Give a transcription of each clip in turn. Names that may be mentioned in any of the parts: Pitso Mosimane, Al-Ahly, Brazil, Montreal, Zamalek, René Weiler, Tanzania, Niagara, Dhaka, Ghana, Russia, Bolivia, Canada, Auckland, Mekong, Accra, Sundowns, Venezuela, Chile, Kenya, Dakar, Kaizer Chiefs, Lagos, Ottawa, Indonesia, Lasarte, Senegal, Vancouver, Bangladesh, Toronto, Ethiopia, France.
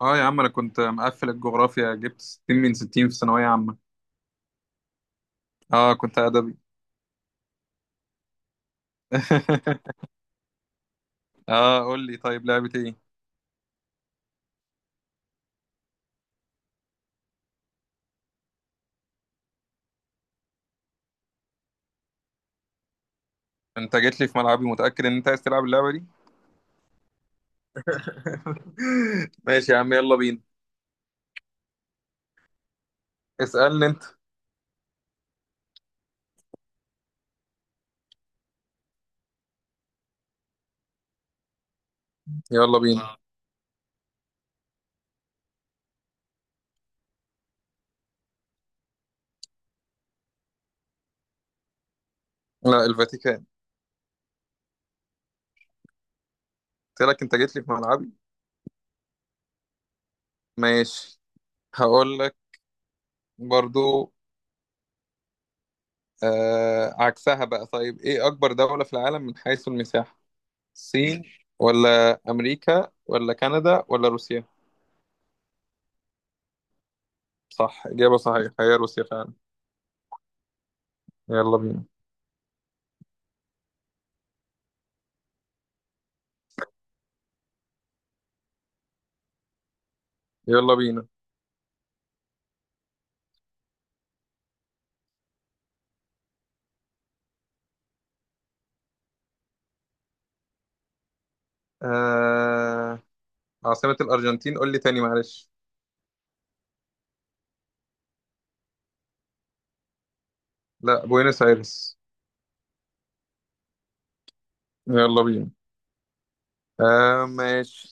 اه، يا عم، انا كنت مقفل الجغرافيا، جبت 60 من 60 في ثانوية عامة. اه، كنت ادبي. اه، قول لي طيب لعبة ايه؟ انت جيت لي في ملعبي، متأكد ان انت عايز تلعب اللعبة دي؟ ماشي يا عم، يلا بينا. اسألني انت. يلا بينا، آه. لا، الفاتيكان. قلت لك انت جيت لي في ملعبي. ماشي، هقول لك برضو. آه، عكسها بقى. طيب ايه اكبر دولة في العالم من حيث المساحة؟ الصين ولا امريكا ولا كندا ولا روسيا؟ صح، إجابة صحيحة، هي روسيا فعلا. يلا بينا. يلا بينا. آه... عاصمة الأرجنتين قول لي تاني معلش. لا، بوينس آيرس. يلا بينا. آه ماشي،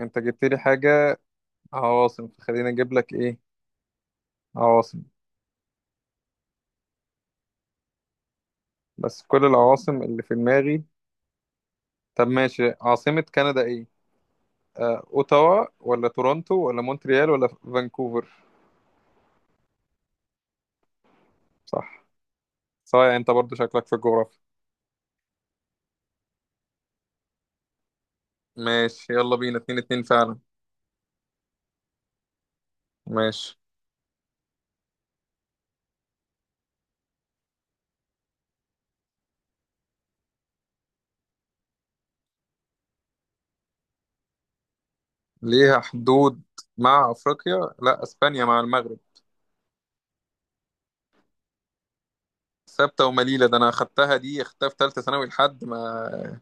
أنت جبت لي حاجة، عواصم، فخليني أجيب لك إيه، عواصم. بس كل العواصم اللي في دماغي. طب ماشي، عاصمة كندا إيه؟ آه، أوتاوا ولا تورونتو ولا مونتريال ولا فانكوفر؟ صح، صحيح، أنت برضو شكلك في الجغرافيا. ماشي يلا بينا، اتنين اتنين فعلا. ماشي. ليها حدود مع افريقيا، لا اسبانيا مع المغرب. ثابته ومليله ده، انا اخدتها دي، اخدتها في ثالثه ثانوي لحد ما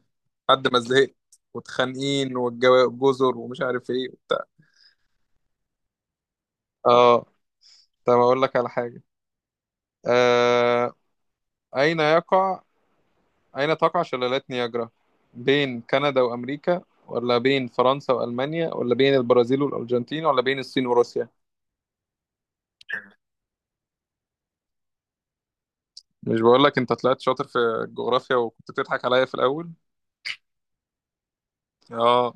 لحد ما زهقت، واتخانقين والجزر ومش عارف ايه وبتاع. اه، طب اقول لك على حاجه. آه... اين يقع، اين تقع شلالات نياجرا؟ بين كندا وامريكا، ولا بين فرنسا والمانيا، ولا بين البرازيل والارجنتين، ولا بين الصين وروسيا؟ مش بقول لك انت طلعت شاطر في الجغرافيا، وكنت بتضحك عليا في الاول. اه،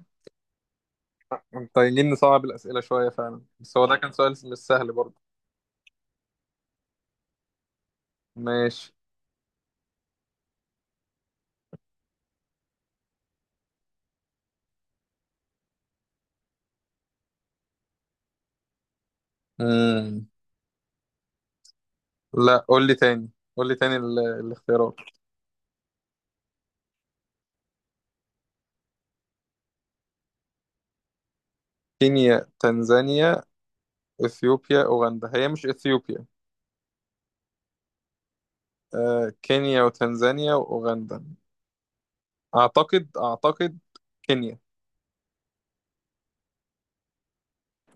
محتاجين نصعب الأسئلة شوية فعلا، بس هو ده كان سؤال مش سهل برضه. ماشي. مم. لا، قول لي تاني. قول لي تاني الاختيارات. كينيا، تنزانيا، اثيوبيا، اوغندا. هي مش اثيوبيا. آه، كينيا وتنزانيا واوغندا. اعتقد كينيا.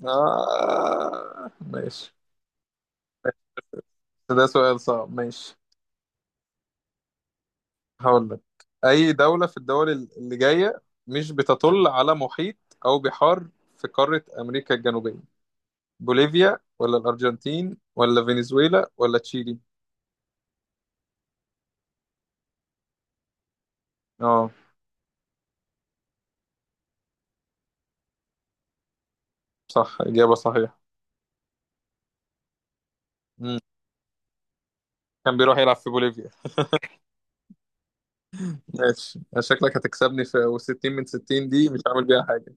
آه ماشي. ده سؤال صعب، ماشي هقول لك. اي دولة في الدول اللي جاية مش بتطل على محيط او بحار في قارة امريكا الجنوبية؟ بوليفيا ولا الأرجنتين ولا فنزويلا ولا تشيلي؟ اه. صح، إجابة صحيحة. مم. كان بيروح يلعب في بوليفيا. ماشي، شكلك هتكسبني، في و60 من 60 دي مش عامل بيها حاجة.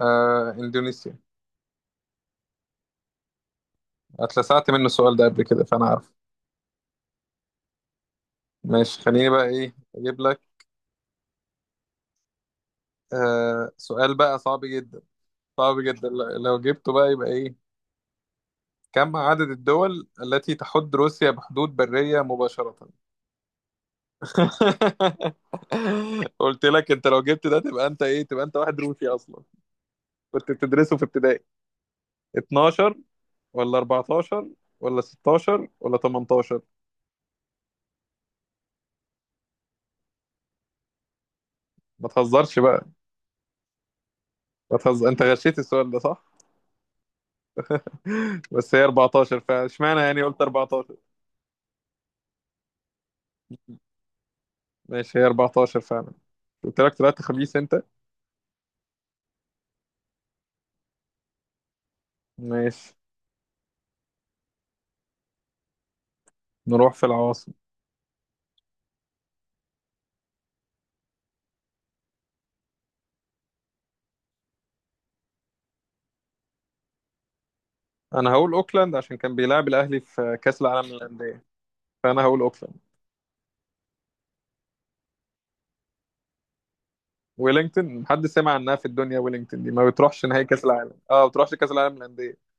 آه، إندونيسيا. اتلسعت منه السؤال ده قبل كده، فأنا عارف. ماشي، خليني بقى إيه أجيب لك. آه سؤال بقى صعب جدا، صعب جدا، لو جبته بقى يبقى إيه. كم عدد الدول التي تحد روسيا بحدود برية مباشرة؟ قلت لك انت لو جبت ده تبقى انت ايه، تبقى انت واحد روسي اصلا، كنت بتدرسه في ابتدائي. 12 ولا 14 ولا 16 ولا 18؟ ما تهزرش بقى. ما تهزر، انت غشيت السؤال ده صح. بس هي 14 فعلا، اشمعنى يعني قلت 14. ماشي، هي 14 فعلا. قلت لك طلعت خبيث انت. ماشي، نروح في العواصم. انا هقول اوكلاند عشان كان بيلعب الاهلي في كاس العالم للانديه، فانا هقول اوكلاند. ويلينجتون محدش سامع عنها في الدنيا، ويلينجتون دي ما بتروحش نهائي كاس العالم، اه ما بتروحش كاس العالم للانديه.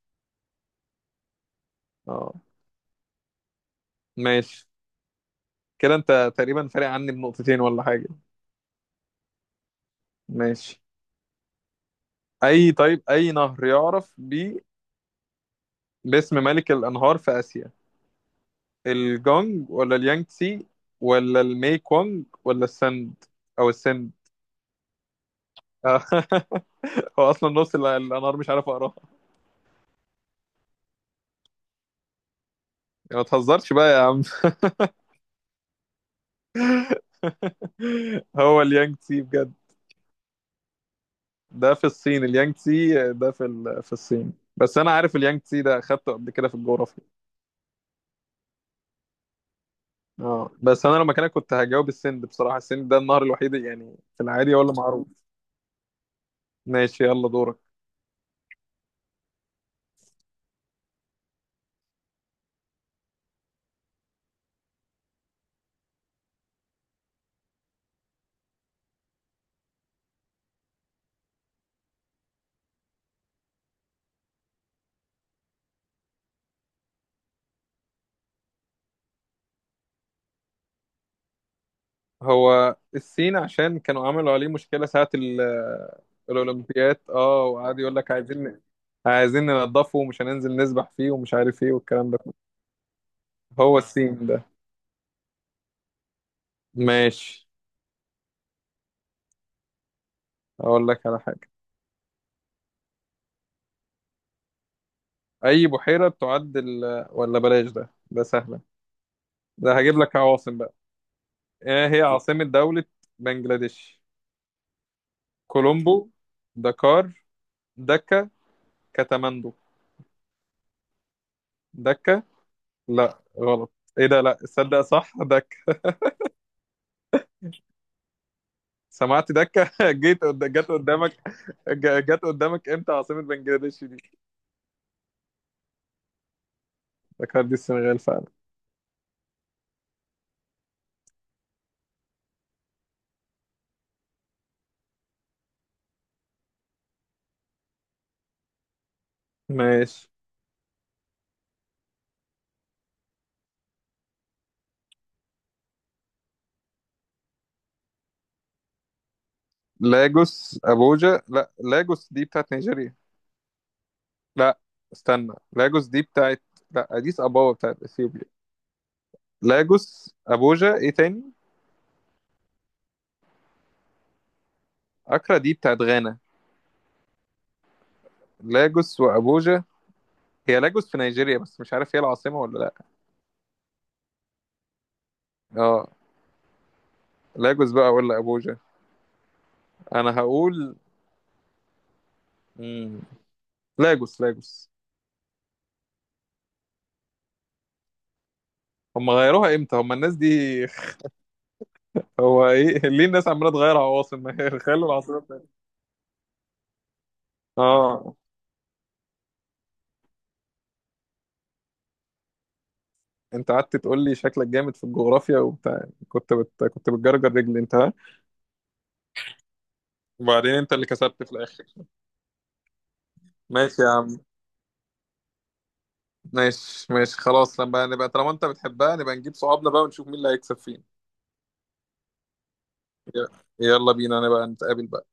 اه ماشي. كده انت تقريبا فارق عني بنقطتين ولا حاجه. ماشي. اي، طيب، اي نهر يعرف بي باسم ملك الانهار في اسيا؟ الجونج ولا اليانجتسي ولا المي كونج ولا السند، او السند؟ آه. هو اصلا نص الانهار مش عارف اقراها. ما تهزرش بقى يا عم. هو اليانجتسي بجد؟ ده في الصين، اليانج تسي ده في في الصين، بس انا عارف اليانج تسي ده اخدته قبل كده في الجغرافيا. اه، بس انا لو مكانك كنت هجاوب السند بصراحه، السند ده النهر الوحيد يعني في العادي ولا معروف. ماشي يلا دورك. هو الصين عشان كانوا عملوا عليه مشكله ساعه الاولمبياد، اه، وقعد يقول لك عايزين ننضفه ومش هننزل نسبح فيه ومش عارف ايه والكلام ده كله. هو السين ده. ماشي، اقول لك على حاجه. اي بحيره ولا بلاش ده، ده سهل. ده هجيب لك عواصم بقى. ايه هي عاصمة دولة بنجلاديش؟ كولومبو، دكار، دكا، كاتماندو. دكا. لا غلط. ايه ده، لا تصدق، صح دكا. سمعت دكا. جت قدامك. جت قدامك امتى عاصمة بنجلاديش دي. دكار دي السنغال فعلا. ماشي. لاجوس، ابوجا، لا لاجوس دي بتاعت نيجيريا. لا استنى، لاجوس دي بتاعت، لا اديس ابابا بتاعت اثيوبيا. لاجوس، ابوجا، ايه تاني؟ اكرا دي بتاعت غانا. لاجوس وابوجا، هي لاجوس في نيجيريا بس مش عارف هي العاصمة ولا لا. اه، لاجوس بقى ولا ابوجا؟ انا هقول مم. لاجوس، لاجوس. هم غيروها امتى هم الناس دي. هو ايه ليه الناس عماله تغير عواصم؟ ما هي خلوا العاصمه بتاعتها. اه، انت قعدت تقول لي شكلك جامد في الجغرافيا وبتاع، كنت كنت بتجرجر رجلي انت، ها، وبعدين انت اللي كسبت في الاخر. ماشي يا عم. ماشي ماشي خلاص، لما نبقى طالما انت بتحبها نبقى نجيب صحابنا بقى ونشوف مين اللي هيكسب فين. ي- يلا بينا نبقى نتقابل بقى.